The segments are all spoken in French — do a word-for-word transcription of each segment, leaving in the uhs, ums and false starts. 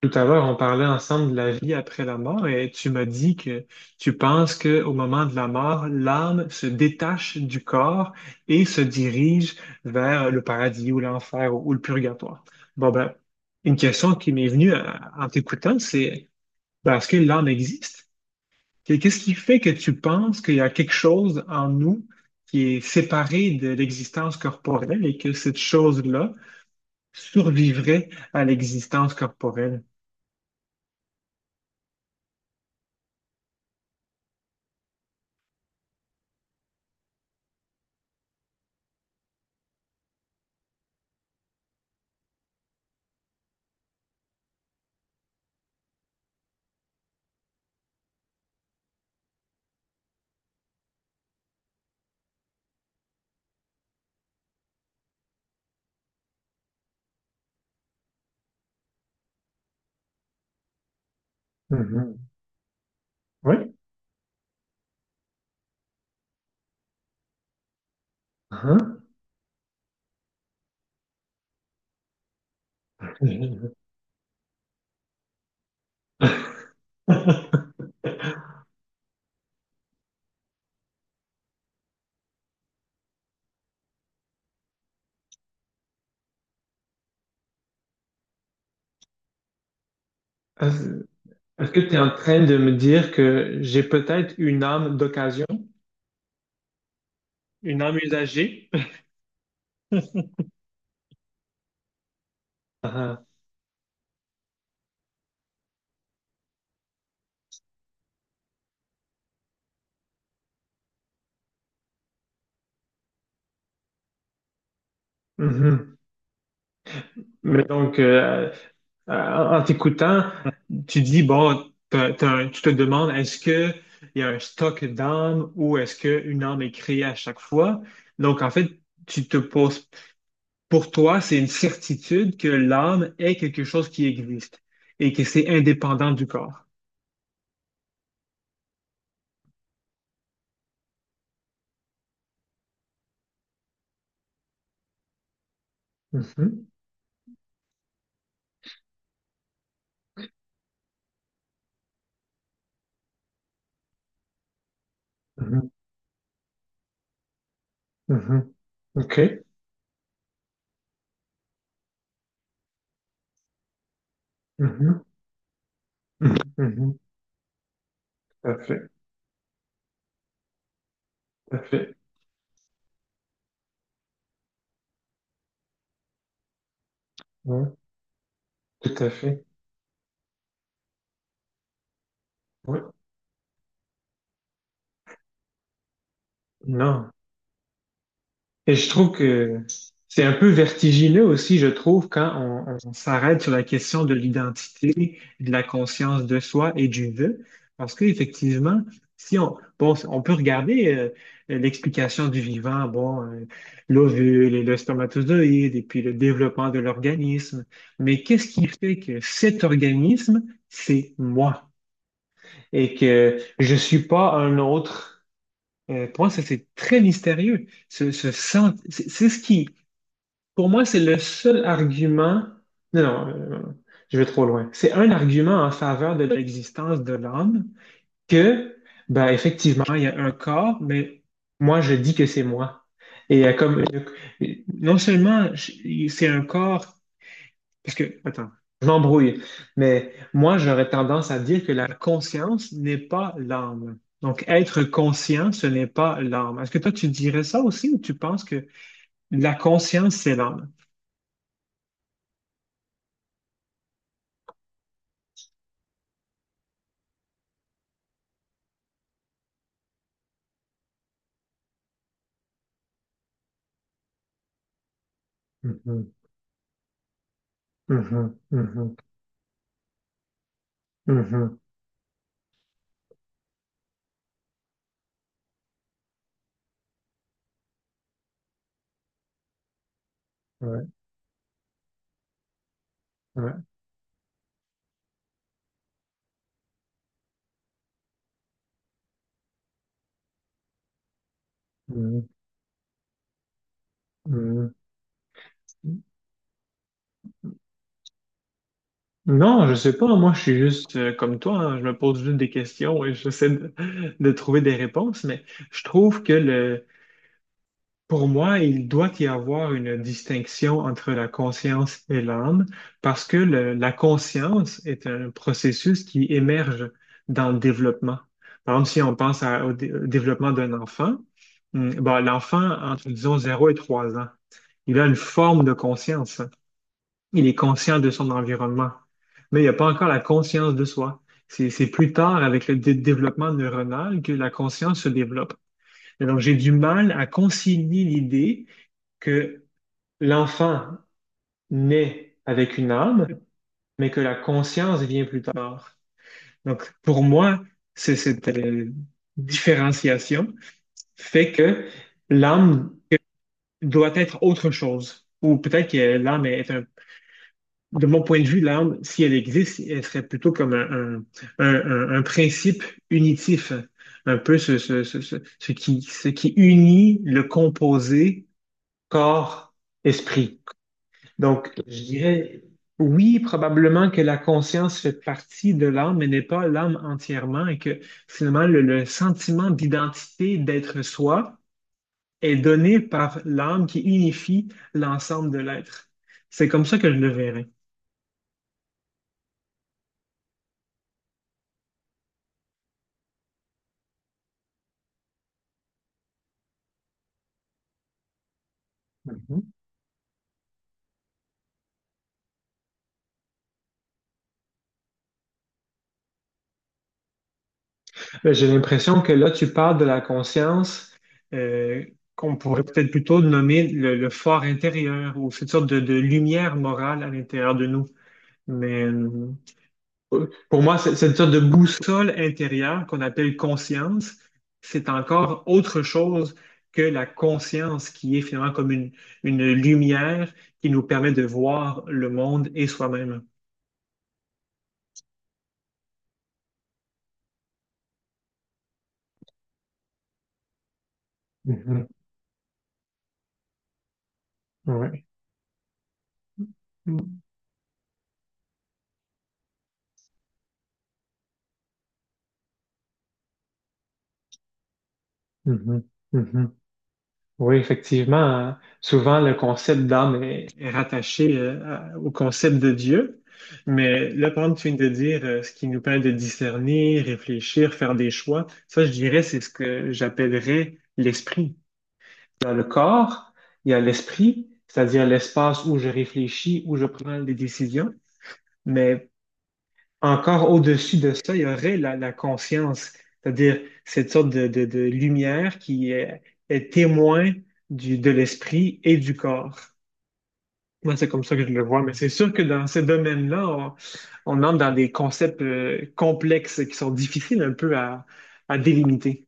Tout à l'heure, on parlait ensemble de la vie après la mort et tu m'as dit que tu penses que au moment de la mort, l'âme se détache du corps et se dirige vers le paradis ou l'enfer ou, ou le purgatoire. Bon ben, une question qui m'est venue à- en t'écoutant, c'est ben, est-ce que l'âme existe? Et qu'est-ce qui fait que tu penses qu'il y a quelque chose en nous qui est séparé de l'existence corporelle et que cette chose-là survivrait à l'existence corporelle? Mhm. Oui. Hein. Est-ce est-ce que tu es en train de me dire que j'ai peut-être une âme d'occasion, une âme usagée? Ah, mhm. Mais donc, euh, euh, en t'écoutant, tu dis, bon, t'as- t'as tu te demandes, est-ce que il y a un stock d'âmes ou est-ce qu'une âme est créée à chaque fois? Donc, en fait, tu te poses. Pour toi, c'est une certitude que l'âme est quelque chose qui existe et que c'est indépendant du corps. Mhm, mhm, mhm. OK. Mhm, mhm, mhm. Tout à fait, tout à fait. Ouais, tout à fait. Ouais. Non. Et je trouve que c'est un peu vertigineux aussi, je trouve, quand on, on s'arrête sur la question de l'identité, de la conscience de soi et du vœu. Parce qu'effectivement, si on, bon, on peut regarder euh, l'explication du vivant, bon, euh, l'ovule et le spermatozoïde, et puis le développement de l'organisme. Mais qu'est-ce qui fait que cet organisme, c'est moi et que je suis pas un autre? Euh, pour moi, ça, c'est très mystérieux. Ce, ce sent- c'est c'est ce qui pour moi, c'est le seul argument. Non, non, euh, je vais trop loin. C'est un argument en faveur de l'existence de l'âme que, ben, effectivement, il y a un corps, mais moi, je dis que c'est moi. Et il y a comme, euh, non seulement je- c'est un corps, parce que, attends, je m'embrouille, mais moi, j'aurais tendance à dire que la conscience n'est pas l'âme. Donc, être conscient, ce n'est pas l'âme. Est-ce que toi, tu dirais ça aussi ou tu penses que la conscience, c'est l'âme? Mhm, mhm, mhm, mhm. Ouais, ouais, mhm, mhm. Non, je sais pas. Moi, je suis juste euh, comme toi, hein. Je me pose juste des questions et j'essaie de, de trouver des réponses. Mais je trouve que le, Pour moi, il doit y avoir une distinction entre la conscience et l'âme parce que le- la conscience est un processus qui émerge dans le développement. Par exemple, si on pense à- au, dé- au développement d'un enfant, hum, bon, l'enfant, entre, disons, zéro et trois ans, il a une forme de conscience. Il est conscient de son environnement, mais il n'y a pas encore la conscience de soi. C'est c'est plus tard, avec le dé- développement neuronal, que la conscience se développe. Et donc, j'ai du mal à concilier l'idée que l'enfant naît avec une âme, mais que la conscience vient plus tard. Donc, pour moi, c'est cette euh, différenciation fait que l'âme doit être autre chose. Ou peut-être que l'âme est un. De mon point de vue, l'âme, si elle existe, elle serait plutôt comme un, un- un- un principe unitif, un peu ce, ce, ce, ce, ce qui, ce qui unit le composé corps, esprit. Donc, je dirais, oui, probablement que la conscience fait partie de l'âme, mais n'est pas l'âme entièrement, et que finalement, le, le sentiment d'identité, d'être soi, est donné par l'âme qui unifie l'ensemble de l'être. C'est comme ça que je le verrais. Mhm. Ben, j'ai l'impression que là, tu parles de la conscience euh, qu'on pourrait peut-être plutôt nommer le, le fort intérieur ou cette sorte de, de lumière morale à l'intérieur de nous. Mais, euh, Euh, pour moi, c'est c'est une sorte de boussole intérieure qu'on appelle conscience. C'est encore autre chose que la conscience qui est finalement comme une, une lumière qui nous permet de voir le monde et soi-même. Mhm. Ouais. Mhm. Mhm. Oui, effectivement, euh, souvent le concept d'âme est, est rattaché euh, à- au concept de Dieu, mais là, par exemple, tu viens de dire euh, ce qui nous permet de discerner, réfléchir, faire des choix. Ça, je dirais, c'est ce que j'appellerais l'esprit. Dans le corps, il y a l'esprit, c'est-à-dire l'espace où je réfléchis, où je prends des décisions, mais encore au-dessus de ça, il y aurait la, la conscience, c'est-à-dire cette sorte de, de- de lumière qui est, est témoin du, de l'esprit et du corps. Moi, c'est comme ça que je le vois, mais c'est sûr que dans ce domaine-là, on, on entre dans des concepts euh, complexes qui sont difficiles un peu à, à délimiter.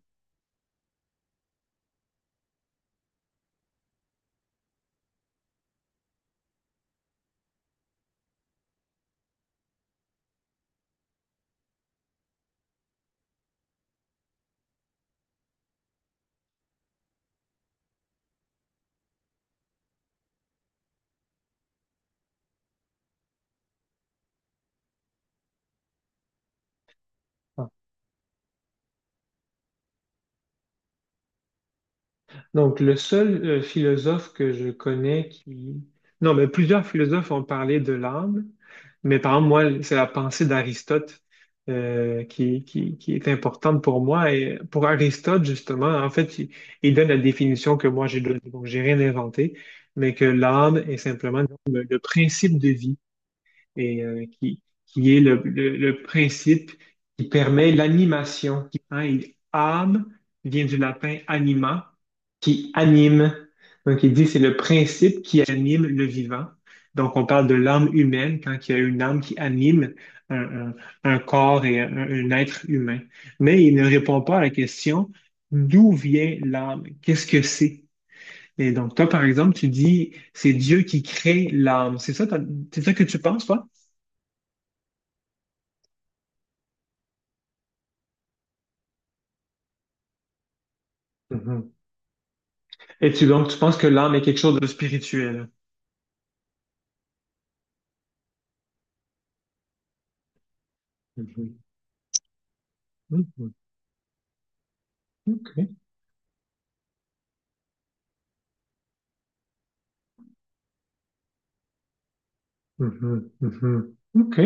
Donc, le seul euh, philosophe que je connais qui. Non, mais plusieurs philosophes ont parlé de l'âme, mais par exemple, moi, c'est la pensée d'Aristote euh, qui, qui, qui est importante pour moi. Et pour Aristote, justement, en fait, il, il donne la définition que moi j'ai donnée, donc j'ai rien inventé, mais que l'âme est simplement donc, le le principe de vie et euh, qui, qui est le, le- le principe qui permet l'animation. Hein, il- âme vient du latin anima, qui anime. Donc, il dit c'est le principe qui anime le vivant. Donc, on parle de l'âme humaine quand il y a une âme qui anime un, un- un corps et un, un être humain. Mais il ne répond pas à la question d'où vient l'âme? Qu'est-ce que c'est? Et donc, toi, par exemple, tu dis, c'est Dieu qui crée l'âme. C'est ça, ta- c'est ça que tu penses, toi? Mhm. Et tu donc, tu penses que l'âme est quelque chose de spirituel? Mhm. Mhm. OK. Mhm, mhm. OK.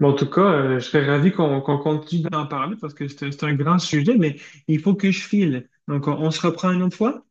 Bon, en tout cas, euh, je serais ravi qu'on qu'on continue d'en parler parce que c'est un c'est un grand sujet, mais il faut que je file. Donc, on, on se reprend une autre fois?